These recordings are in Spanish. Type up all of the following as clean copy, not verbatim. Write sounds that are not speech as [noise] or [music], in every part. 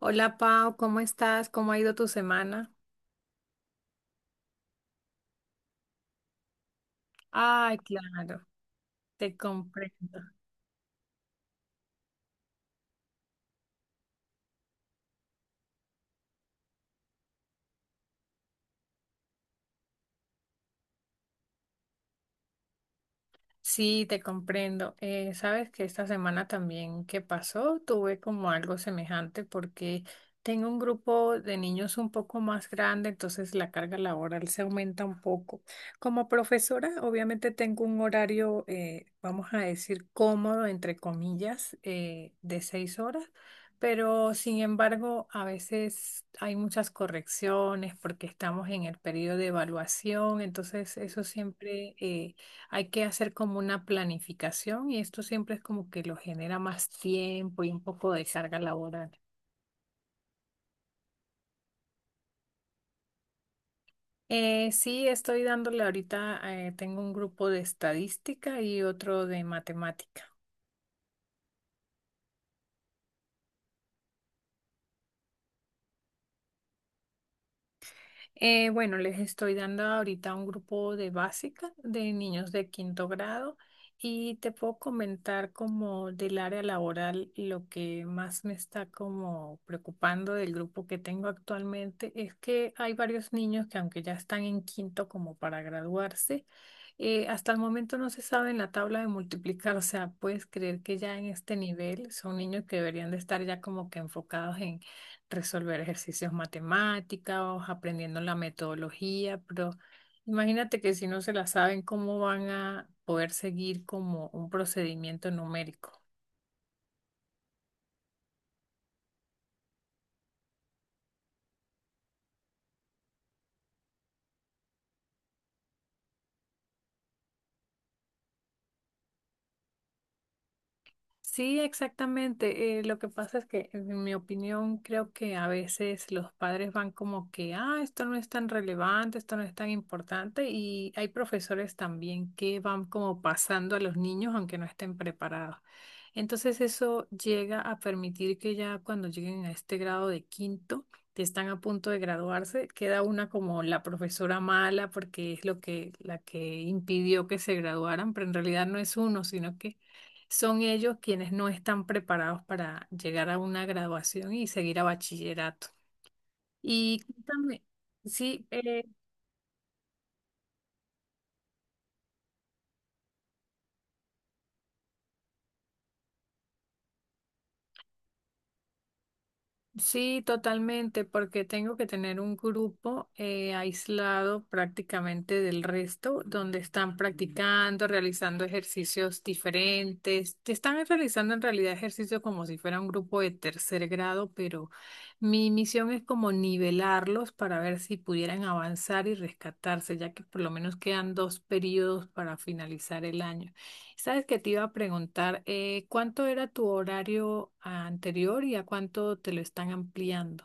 Hola Pau, ¿cómo estás? ¿Cómo ha ido tu semana? Ay, claro, te comprendo. Sí, te comprendo. Sabes que esta semana también que pasó, tuve como algo semejante porque tengo un grupo de niños un poco más grande, entonces la carga laboral se aumenta un poco. Como profesora, obviamente tengo un horario, vamos a decir, cómodo, entre comillas, de 6 horas. Pero sin embargo, a veces hay muchas correcciones porque estamos en el periodo de evaluación, entonces eso siempre hay que hacer como una planificación y esto siempre es como que lo genera más tiempo y un poco de carga laboral. Sí, estoy dándole ahorita, tengo un grupo de estadística y otro de matemática. Bueno, les estoy dando ahorita un grupo de básica de niños de quinto grado y te puedo comentar como del área laboral lo que más me está como preocupando del grupo que tengo actualmente es que hay varios niños que aunque ya están en quinto como para graduarse, hasta el momento no se sabe en la tabla de multiplicar, o sea, puedes creer que ya en este nivel son niños que deberían de estar ya como que enfocados en resolver ejercicios matemáticos, aprendiendo la metodología, pero imagínate que si no se la saben, ¿cómo van a poder seguir como un procedimiento numérico? Sí, exactamente. Lo que pasa es que, en mi opinión, creo que a veces los padres van como que, ah, esto no es tan relevante, esto no es tan importante, y hay profesores también que van como pasando a los niños aunque no estén preparados. Entonces eso llega a permitir que ya cuando lleguen a este grado de quinto, que están a punto de graduarse, queda una como la profesora mala porque es lo que la que impidió que se graduaran, pero en realidad no es uno, sino que son ellos quienes no están preparados para llegar a una graduación y seguir a bachillerato. Y cuéntame, sí, sí, totalmente, porque tengo que tener un grupo aislado prácticamente del resto, donde están practicando, realizando ejercicios diferentes. Te Están realizando en realidad ejercicios como si fuera un grupo de tercer grado, pero mi misión es como nivelarlos para ver si pudieran avanzar y rescatarse, ya que por lo menos quedan dos periodos para finalizar el año. Sabes que te iba a preguntar, ¿cuánto era tu horario anterior y a cuánto te lo están ampliando?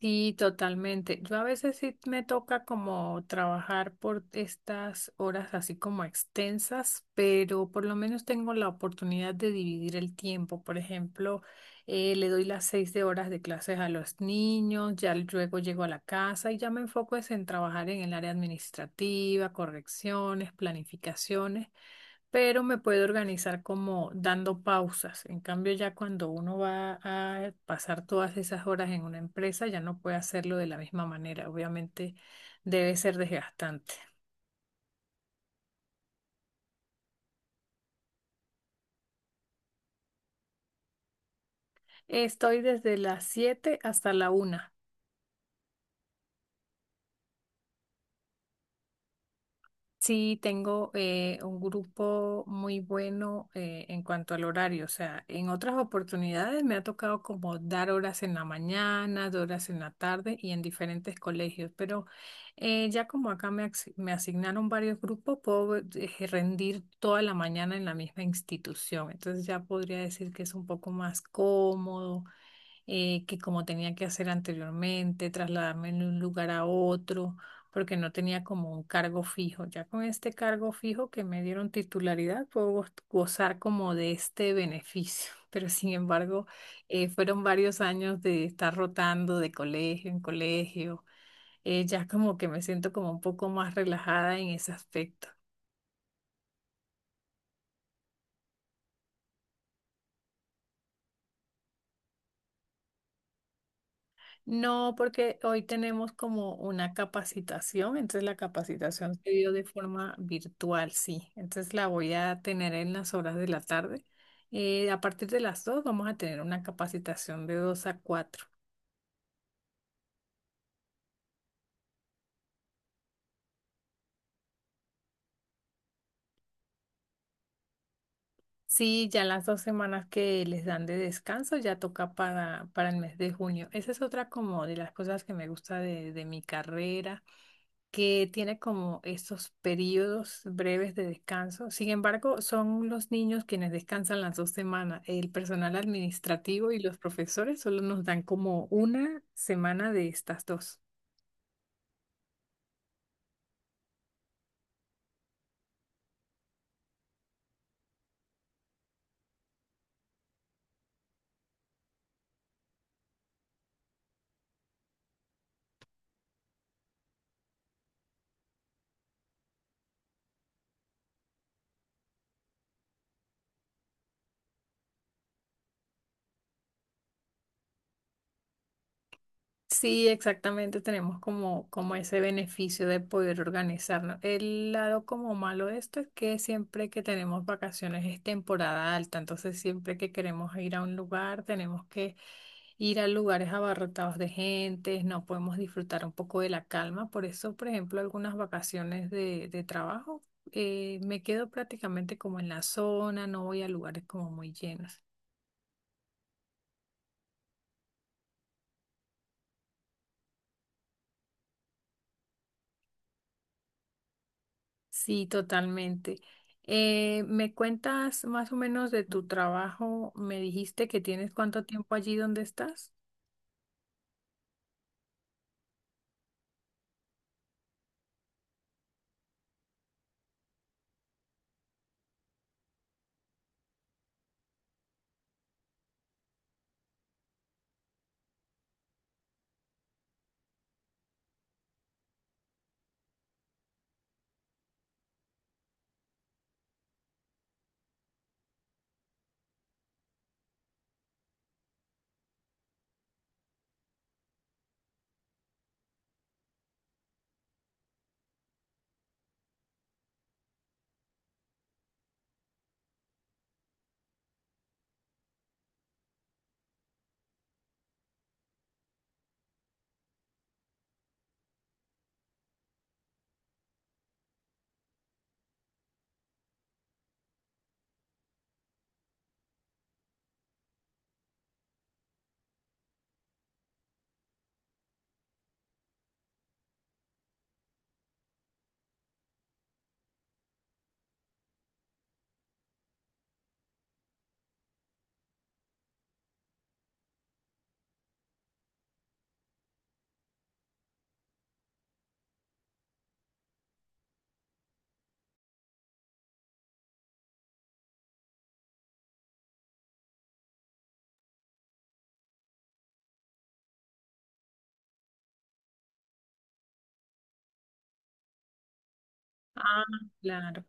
Sí, totalmente. Yo a veces sí me toca como trabajar por estas horas así como extensas, pero por lo menos tengo la oportunidad de dividir el tiempo. Por ejemplo, le doy las 6 de horas de clases a los niños, ya luego llego a la casa y ya me enfoco es en trabajar en el área administrativa, correcciones, planificaciones. Pero me puedo organizar como dando pausas. En cambio, ya cuando uno va a pasar todas esas horas en una empresa, ya no puede hacerlo de la misma manera. Obviamente debe ser desgastante. Estoy desde las 7 hasta la 1. Sí, tengo un grupo muy bueno en cuanto al horario. O sea, en otras oportunidades me ha tocado como dar horas en la mañana, dar horas en la tarde y en diferentes colegios. Pero ya como acá me asignaron varios grupos, puedo rendir toda la mañana en la misma institución. Entonces ya podría decir que es un poco más cómodo que como tenía que hacer anteriormente, trasladarme de un lugar a otro, porque no tenía como un cargo fijo. Ya con este cargo fijo que me dieron titularidad, puedo gozar como de este beneficio. [laughs] Pero sin embargo, fueron varios años de estar rotando de colegio en colegio. Ya como que me siento como un poco más relajada en ese aspecto. No, porque hoy tenemos como una capacitación, entonces la capacitación se dio de forma virtual, sí. Entonces la voy a tener en las horas de la tarde. A partir de las 2 vamos a tener una capacitación de 2 a 4. Sí, ya las 2 semanas que les dan de descanso ya toca para el mes de junio. Esa es otra como de las cosas que me gusta de mi carrera que tiene como estos periodos breves de descanso. Sin embargo, son los niños quienes descansan las 2 semanas. El personal administrativo y los profesores solo nos dan como una semana de estas dos. Sí, exactamente, tenemos como, como ese beneficio de poder organizarnos. El lado como malo de esto es que siempre que tenemos vacaciones es temporada alta, entonces siempre que queremos ir a un lugar tenemos que ir a lugares abarrotados de gente, no podemos disfrutar un poco de la calma. Por eso, por ejemplo, algunas vacaciones de trabajo me quedo prácticamente como en la zona, no voy a lugares como muy llenos. Sí, totalmente. ¿Me cuentas más o menos de tu trabajo? Me dijiste que tienes cuánto tiempo allí donde estás. Ah, claro.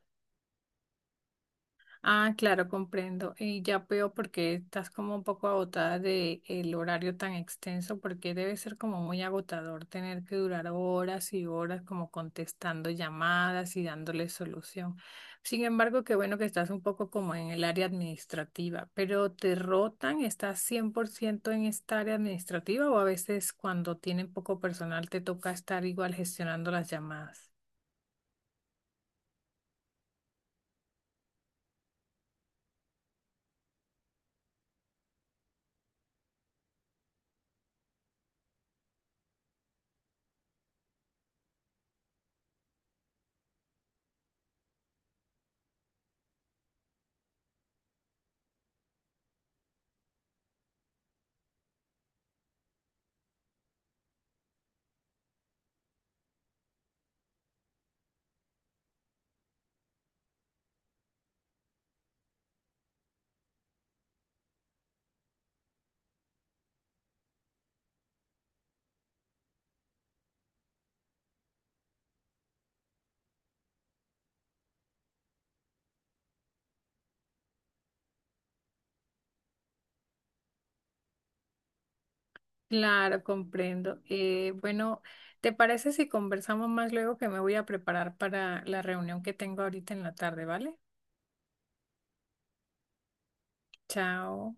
Ah, claro, comprendo. Y ya veo por qué estás como un poco agotada de el horario tan extenso, porque debe ser como muy agotador tener que durar horas y horas como contestando llamadas y dándole solución. Sin embargo, qué bueno que estás un poco como en el área administrativa, pero ¿te rotan? ¿Estás 100% en esta área administrativa o a veces cuando tienen poco personal te toca estar igual gestionando las llamadas? Claro, comprendo. Bueno, ¿te parece si conversamos más luego que me voy a preparar para la reunión que tengo ahorita en la tarde, ¿vale? Chao.